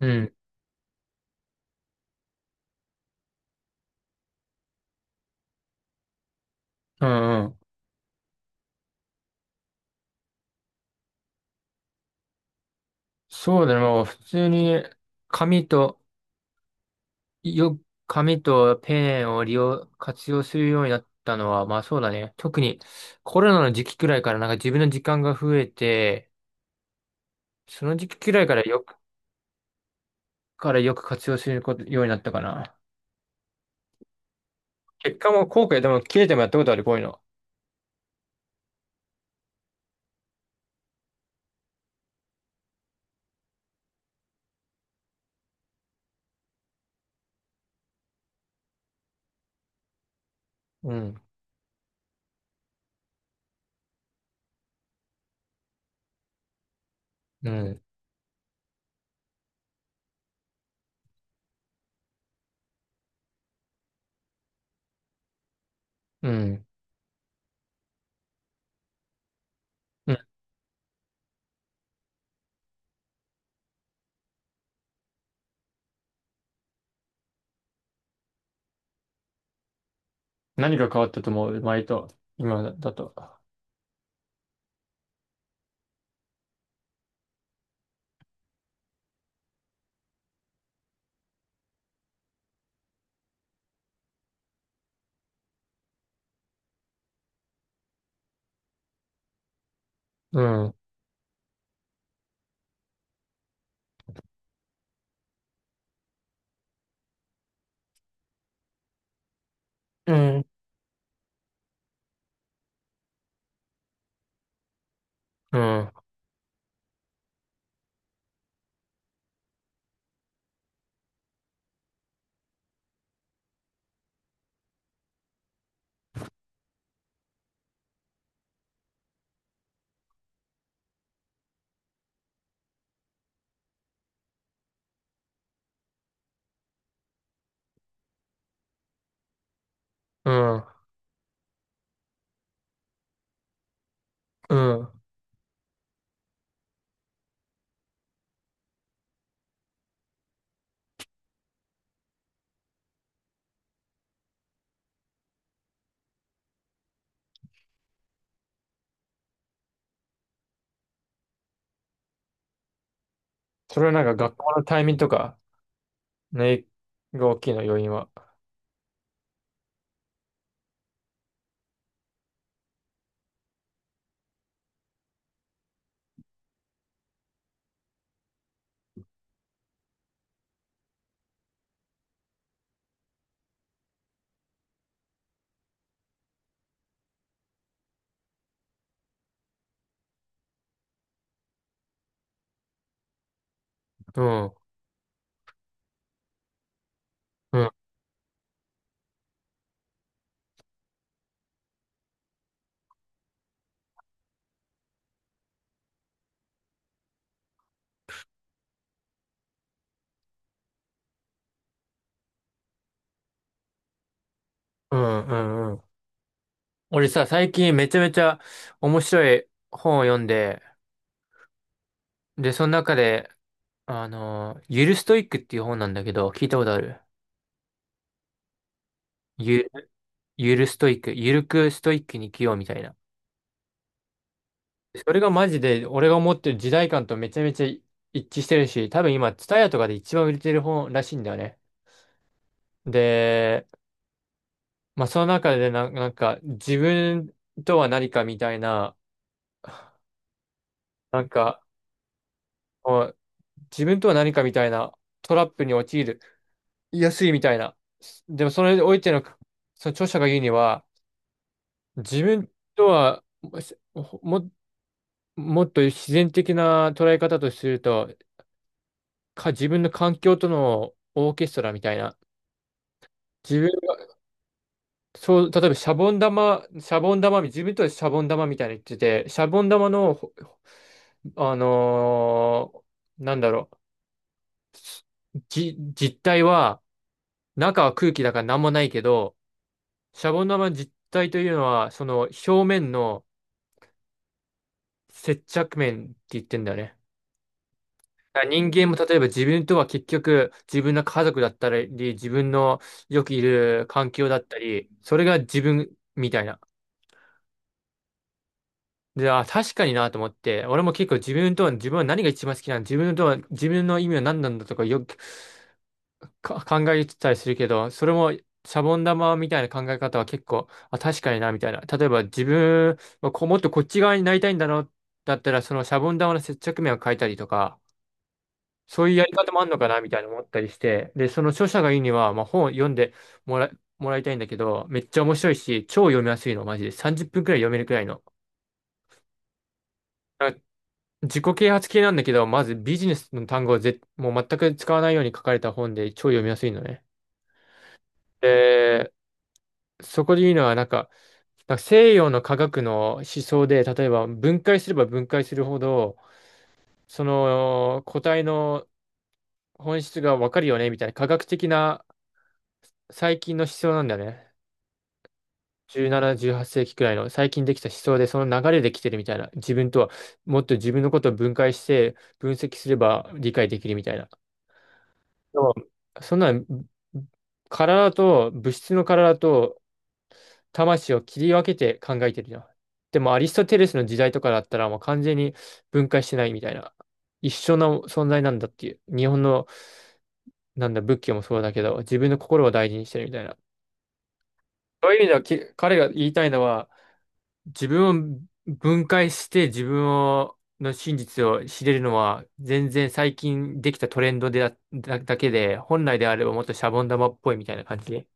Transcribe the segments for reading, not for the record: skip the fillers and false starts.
うん、うんうん。そうだね。もう普通に紙と、よ、紙とペンを利用、活用するようになったのは、まあそうだね。特にコロナの時期くらいからなんか自分の時間が増えて、その時期くらいからよく活用すること、ようになったかな。結果も後悔でも切れてもやったことある、こういうの。うん、うん、うん、うん。何が変わったと思う前と、今だと。うん、うん、うん、うん、うん。それはなんか学校のタイミングとか、ね、が大きいの、要因は。うん、うん、うん、うん、うん。俺さ、最近めちゃめちゃ面白い本を読んで、で、その中で、ゆるストイックっていう本なんだけど、聞いたことあるゆ、ゆるストイック、ゆるくストイックに生きようみたいな。それがマジで、俺が思ってる時代感とめちゃめちゃ一致してるし、多分今、ツタヤとかで一番売れてる本らしいんだよね。で、まあ、その中でな、なんか、自分とは何かみたいな、なんか、自分とは何かみたいなトラップに陥る。安いみたいな。でもそれにおいての、その著者が言うには、自分とはも、もっと自然的な捉え方とすると、自分の環境とのオーケストラみたいな。自分、そう、例えばシャボン玉、自分とはシャボン玉みたいに言ってて、シャボン玉の、ほあのなんだろう、実体は、中は空気だから何もないけど、シャボン玉の実体というのは、その表面の接着面って言ってんだよね。だから人間も、例えば自分とは結局自分の家族だったり、自分のよくいる環境だったり、それが自分みたいな。で、あ、確かになと思って、俺も結構自分とは、自分は何が一番好きなの、自分とは、自分の意味は何なんだとかよく考えてたりするけど、それもシャボン玉みたいな考え方は結構、あ、確かにな、みたいな。例えば自分はこう、もっとこっち側になりたいんだな、だったら、そのシャボン玉の接着面を変えたりとか、そういうやり方もあるのかなみたいな思ったりして、で、その著者が言うには、まあ、本を読んでもら、もらいたいんだけど、めっちゃ面白いし、超読みやすいの、マジで。30分くらい読めるくらいの。なんか自己啓発系なんだけど、まずビジネスの単語をもう全く使わないように書かれた本で超読みやすいのね。でそこで言うのは、なんか西洋の科学の思想で、例えば分解すれば分解するほど、その個体の本質がわかるよね、みたいな科学的な最近の思想なんだよね。17、18世紀くらいの最近できた思想で、その流れで来てるみたいな。自分とは、もっと自分のことを分解して、分析すれば理解できるみたいな。でもそんなん、物質の体と、魂を切り分けて考えてるじゃん。でもアリストテレスの時代とかだったらもう完全に分解してないみたいな。一緒の存在なんだっていう。日本のなんだ仏教もそうだけど、自分の心を大事にしてるみたいな。そういう意味では彼が言いたいのは、自分を分解して自分の真実を知れるのは全然最近できたトレンドでだけで、本来であればもっとシャボン玉っぽいみたいな感じで。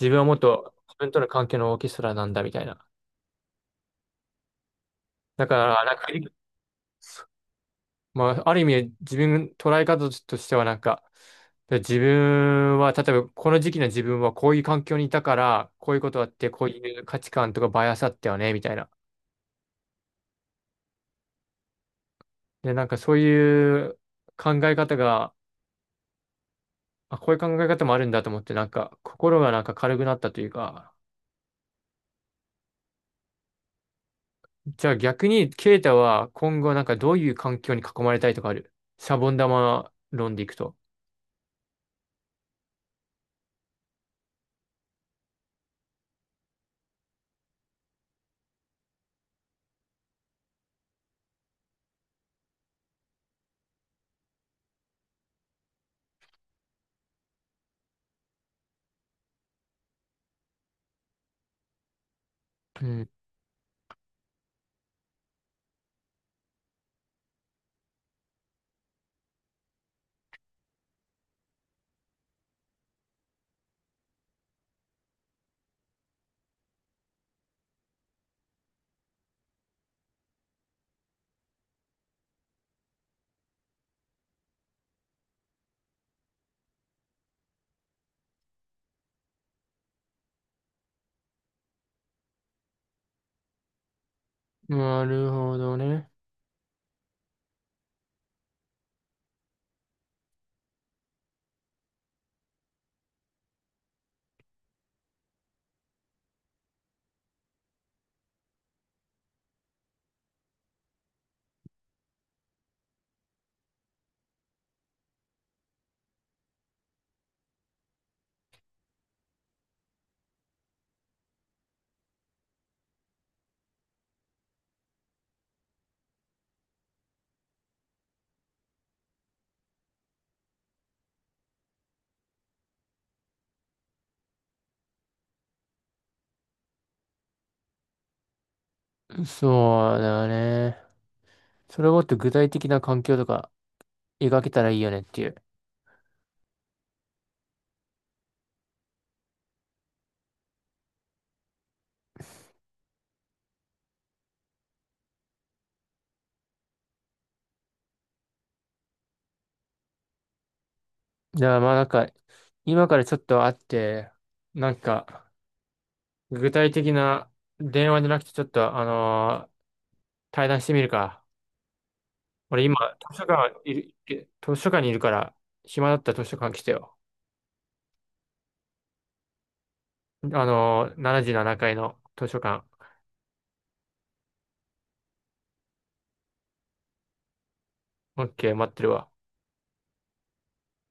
自分はもっと自分との関係のオーケストラなんだみたいな。だから、なんか繰りまあ、ある意味、自分、捉え方としてはなんか、で自分は、例えば、この時期の自分はこういう環境にいたから、こういうことあって、こういう価値観とかバイアスあったよね、みたいな。で、なんかそういう考え方が、あ、こういう考え方もあるんだと思って、なんか、心がなんか軽くなったというか、じゃあ逆に、ケイタは今後なんかどういう環境に囲まれたいとかあるシャボン玉論でいくと。うん。なるほどね。そうだね。それをもっと具体的な環境とか描けたらいいよねっていう。だからまあなんか、今からちょっと会って、なんか、具体的な電話じゃなくてちょっと、対談してみるか。俺今、図書館にいるから、暇だったら図書館来てよ。あのー、7階の図書館。オッケー、待ってるわ。